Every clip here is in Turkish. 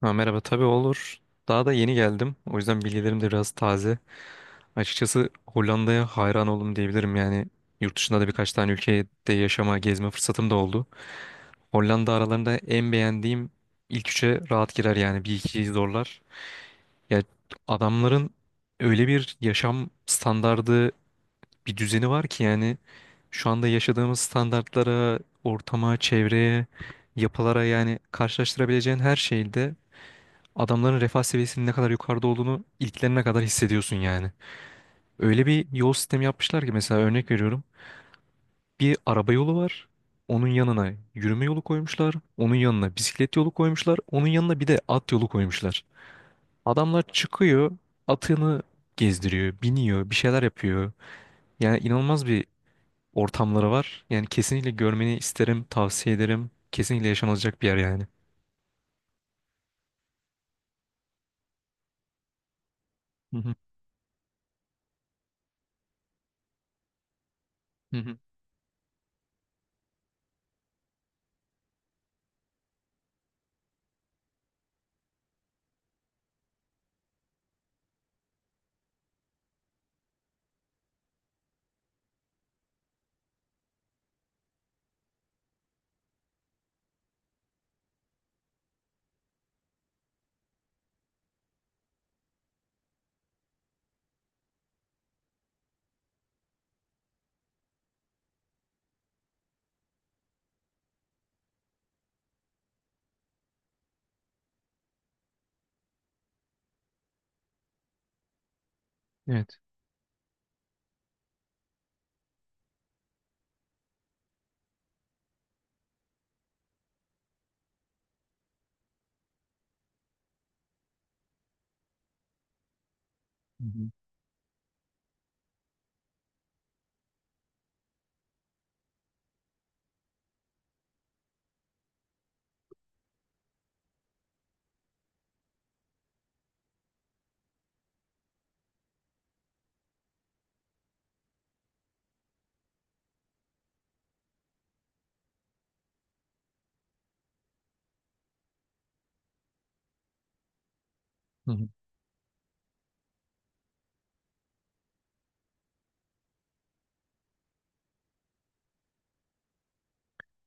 Ha, merhaba, tabii olur. Daha da yeni geldim, o yüzden bilgilerim de biraz taze. Açıkçası Hollanda'ya hayran oldum diyebilirim. Yani yurt dışında da birkaç tane ülkede yaşama, gezme fırsatım da oldu. Hollanda aralarında en beğendiğim ilk üçe rahat girer, yani bir ikiyi zorlar. Ya, adamların öyle bir yaşam standardı, bir düzeni var ki yani şu anda yaşadığımız standartlara, ortama, çevreye, yapılara, yani karşılaştırabileceğin her şeyde adamların refah seviyesinin ne kadar yukarıda olduğunu ilklerine kadar hissediyorsun yani. Öyle bir yol sistemi yapmışlar ki, mesela örnek veriyorum. Bir araba yolu var. Onun yanına yürüme yolu koymuşlar. Onun yanına bisiklet yolu koymuşlar. Onun yanına bir de at yolu koymuşlar. Adamlar çıkıyor, atını gezdiriyor, biniyor, bir şeyler yapıyor. Yani inanılmaz bir ortamları var. Yani kesinlikle görmeni isterim, tavsiye ederim. Kesinlikle yaşanılacak bir yer yani. Hı hı, hı hı. Evet. Hı hı, hı hı.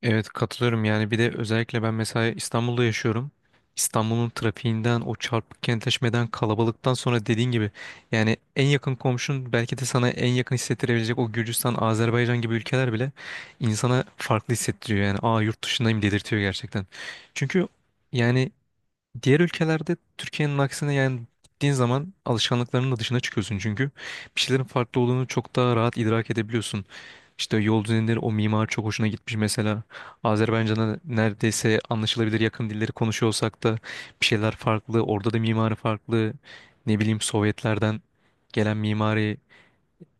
Evet, katılıyorum. Yani bir de özellikle ben mesela İstanbul'da yaşıyorum. İstanbul'un trafiğinden, o çarpık kentleşmeden, kalabalıktan sonra dediğin gibi yani en yakın komşun, belki de sana en yakın hissettirebilecek o Gürcistan, Azerbaycan gibi ülkeler bile insana farklı hissettiriyor. Yani aa, yurt dışındayım dedirtiyor gerçekten. Çünkü yani diğer ülkelerde Türkiye'nin aksine, yani gittiğin zaman alışkanlıklarının da dışına çıkıyorsun, çünkü bir şeylerin farklı olduğunu çok daha rahat idrak edebiliyorsun. İşte yol düzenleri, o mimar çok hoşuna gitmiş mesela. Azerbaycan'a neredeyse anlaşılabilir yakın dilleri konuşuyor olsak da bir şeyler farklı. Orada da mimarı farklı. Ne bileyim, Sovyetlerden gelen mimari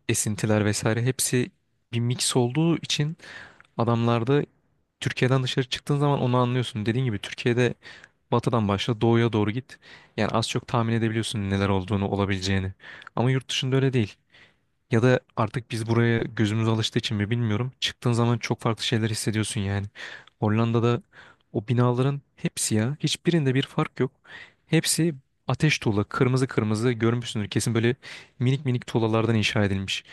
esintiler vesaire, hepsi bir mix olduğu için adamlarda Türkiye'den dışarı çıktığın zaman onu anlıyorsun. Dediğin gibi Türkiye'de batıdan başla doğuya doğru git. Yani az çok tahmin edebiliyorsun neler olduğunu, olabileceğini. Ama yurt dışında öyle değil. Ya da artık biz buraya gözümüz alıştığı için mi bilmiyorum. Çıktığın zaman çok farklı şeyler hissediyorsun yani. Hollanda'da o binaların hepsi ya, hiçbirinde bir fark yok. Hepsi ateş tuğla. Kırmızı kırmızı görmüşsündür. Kesin böyle minik minik tuğlalardan inşa edilmiş.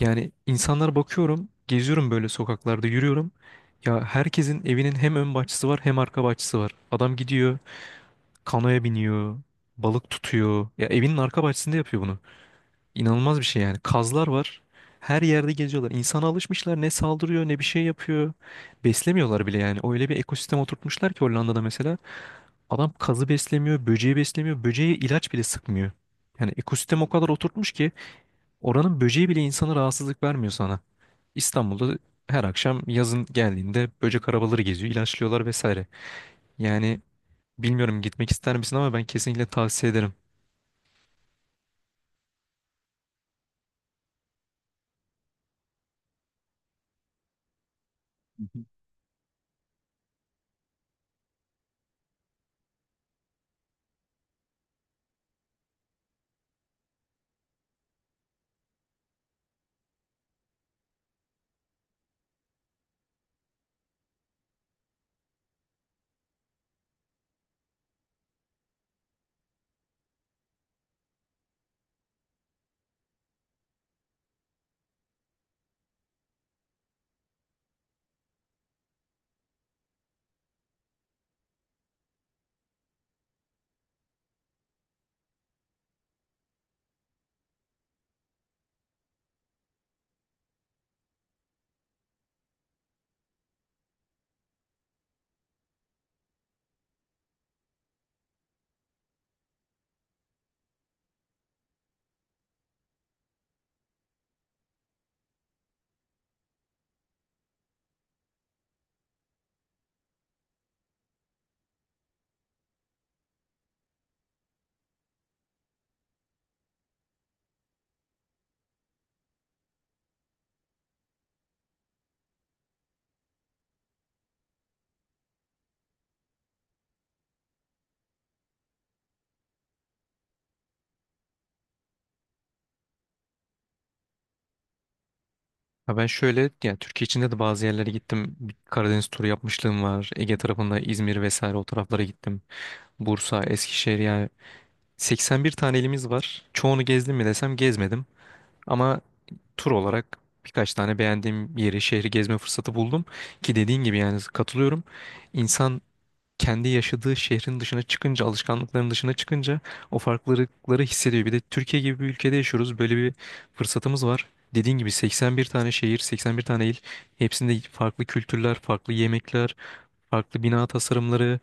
Yani insanlara bakıyorum, geziyorum böyle, sokaklarda yürüyorum. Ya, herkesin evinin hem ön bahçesi var, hem arka bahçesi var. Adam gidiyor kanoya biniyor, balık tutuyor. Ya evinin arka bahçesinde yapıyor bunu. İnanılmaz bir şey yani. Kazlar var, her yerde geziyorlar. İnsana alışmışlar. Ne saldırıyor, ne bir şey yapıyor. Beslemiyorlar bile yani. Öyle bir ekosistem oturtmuşlar ki Hollanda'da mesela. Adam kazı beslemiyor, böceği beslemiyor. Böceğe ilaç bile sıkmıyor. Yani ekosistem o kadar oturtmuş ki oranın böceği bile insana rahatsızlık vermiyor sana. İstanbul'da her akşam, yazın geldiğinde, böcek arabaları geziyor, ilaçlıyorlar vesaire. Yani bilmiyorum gitmek ister misin, ama ben kesinlikle tavsiye ederim. Ha, ben şöyle, yani Türkiye içinde de bazı yerlere gittim. Bir Karadeniz turu yapmışlığım var. Ege tarafında İzmir vesaire, o taraflara gittim. Bursa, Eskişehir, yani 81 tane elimiz var. Çoğunu gezdim mi desem gezmedim. Ama tur olarak birkaç tane beğendiğim yeri, şehri gezme fırsatı buldum. Ki dediğin gibi, yani katılıyorum. İnsan kendi yaşadığı şehrin dışına çıkınca, alışkanlıkların dışına çıkınca o farklılıkları hissediyor. Bir de Türkiye gibi bir ülkede yaşıyoruz, böyle bir fırsatımız var. Dediğin gibi 81 tane şehir, 81 tane il. Hepsinde farklı kültürler, farklı yemekler, farklı bina tasarımları,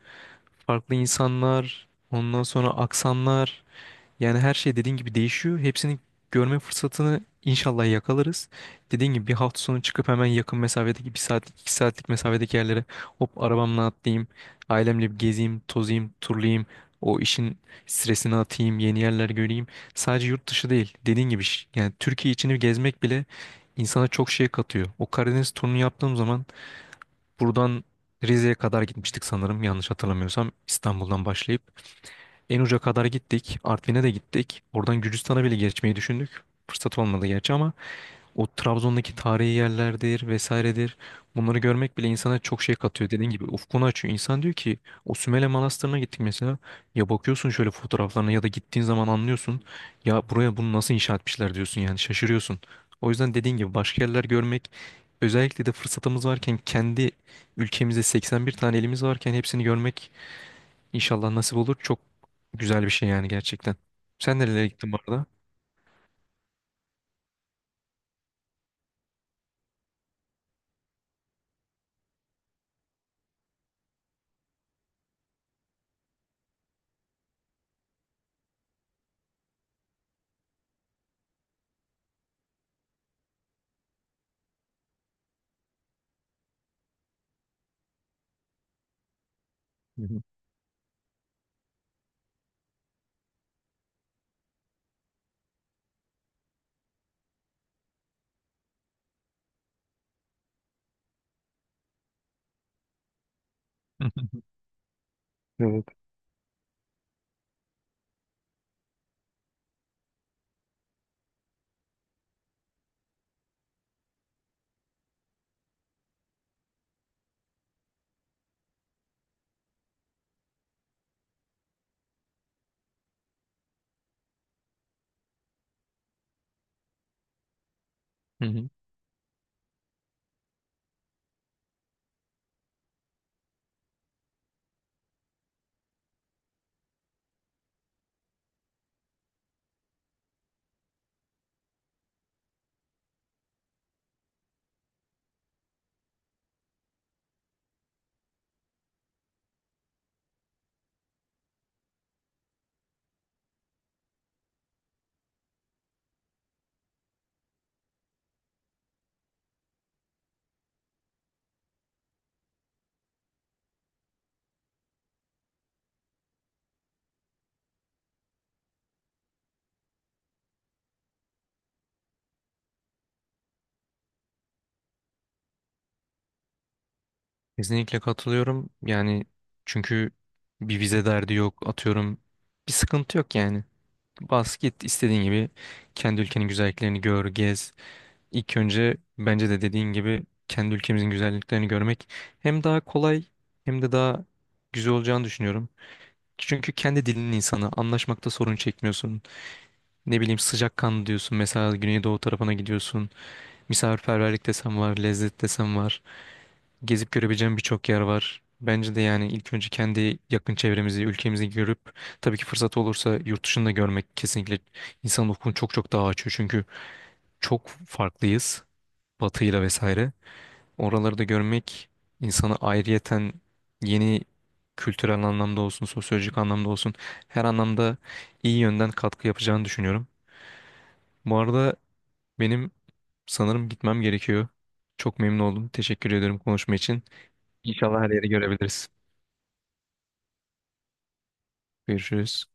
farklı insanlar, ondan sonra aksanlar. Yani her şey dediğin gibi değişiyor. Hepsini görme fırsatını inşallah yakalarız. Dediğin gibi bir hafta sonu çıkıp hemen yakın mesafedeki, bir saatlik iki saatlik mesafedeki yerlere hop arabamla atlayayım, ailemle bir gezeyim, tozayım, turlayayım. O işin stresini atayım, yeni yerler göreyim. Sadece yurt dışı değil, dediğin gibi yani Türkiye içini gezmek bile insana çok şey katıyor. O Karadeniz turunu yaptığım zaman buradan Rize'ye kadar gitmiştik sanırım, yanlış hatırlamıyorsam, İstanbul'dan başlayıp. En uca kadar gittik. Artvin'e de gittik. Oradan Gürcistan'a bile geçmeyi düşündük. Fırsat olmadı gerçi, ama o Trabzon'daki tarihi yerlerdir vesairedir. Bunları görmek bile insana çok şey katıyor. Dediğin gibi ufkunu açıyor. İnsan diyor ki o Sümele Manastırı'na gittik mesela. Ya bakıyorsun şöyle fotoğraflarına, ya da gittiğin zaman anlıyorsun. Ya buraya bunu nasıl inşa etmişler diyorsun, yani şaşırıyorsun. O yüzden dediğin gibi başka yerler görmek, özellikle de fırsatımız varken, kendi ülkemizde 81 tane elimiz varken hepsini görmek İnşallah nasip olur. Çok güzel bir şey yani, gerçekten. Sen nerelere gittin bu arada? Hı hı. Evet. Hı hı. Kesinlikle katılıyorum. Yani çünkü bir vize derdi yok. Atıyorum, bir sıkıntı yok yani. Bas git, istediğin gibi kendi ülkenin güzelliklerini gör, gez. İlk önce bence de dediğin gibi kendi ülkemizin güzelliklerini görmek hem daha kolay, hem de daha güzel olacağını düşünüyorum. Çünkü kendi dilinin insanı, anlaşmakta sorun çekmiyorsun. Ne bileyim, sıcakkanlı diyorsun mesela, Güneydoğu tarafına gidiyorsun. Misafirperverlik desem var, lezzet desem var. Gezip görebileceğim birçok yer var. Bence de yani ilk önce kendi yakın çevremizi, ülkemizi görüp tabii ki fırsat olursa yurt dışını da görmek kesinlikle insan ufkunu çok çok daha açıyor. Çünkü çok farklıyız batıyla vesaire. Oraları da görmek insanı ayrıyeten yeni, kültürel anlamda olsun, sosyolojik anlamda olsun, her anlamda iyi yönden katkı yapacağını düşünüyorum. Bu arada benim, sanırım gitmem gerekiyor. Çok memnun oldum, teşekkür ederim konuşma için. İnşallah her yeri görebiliriz. Görüşürüz.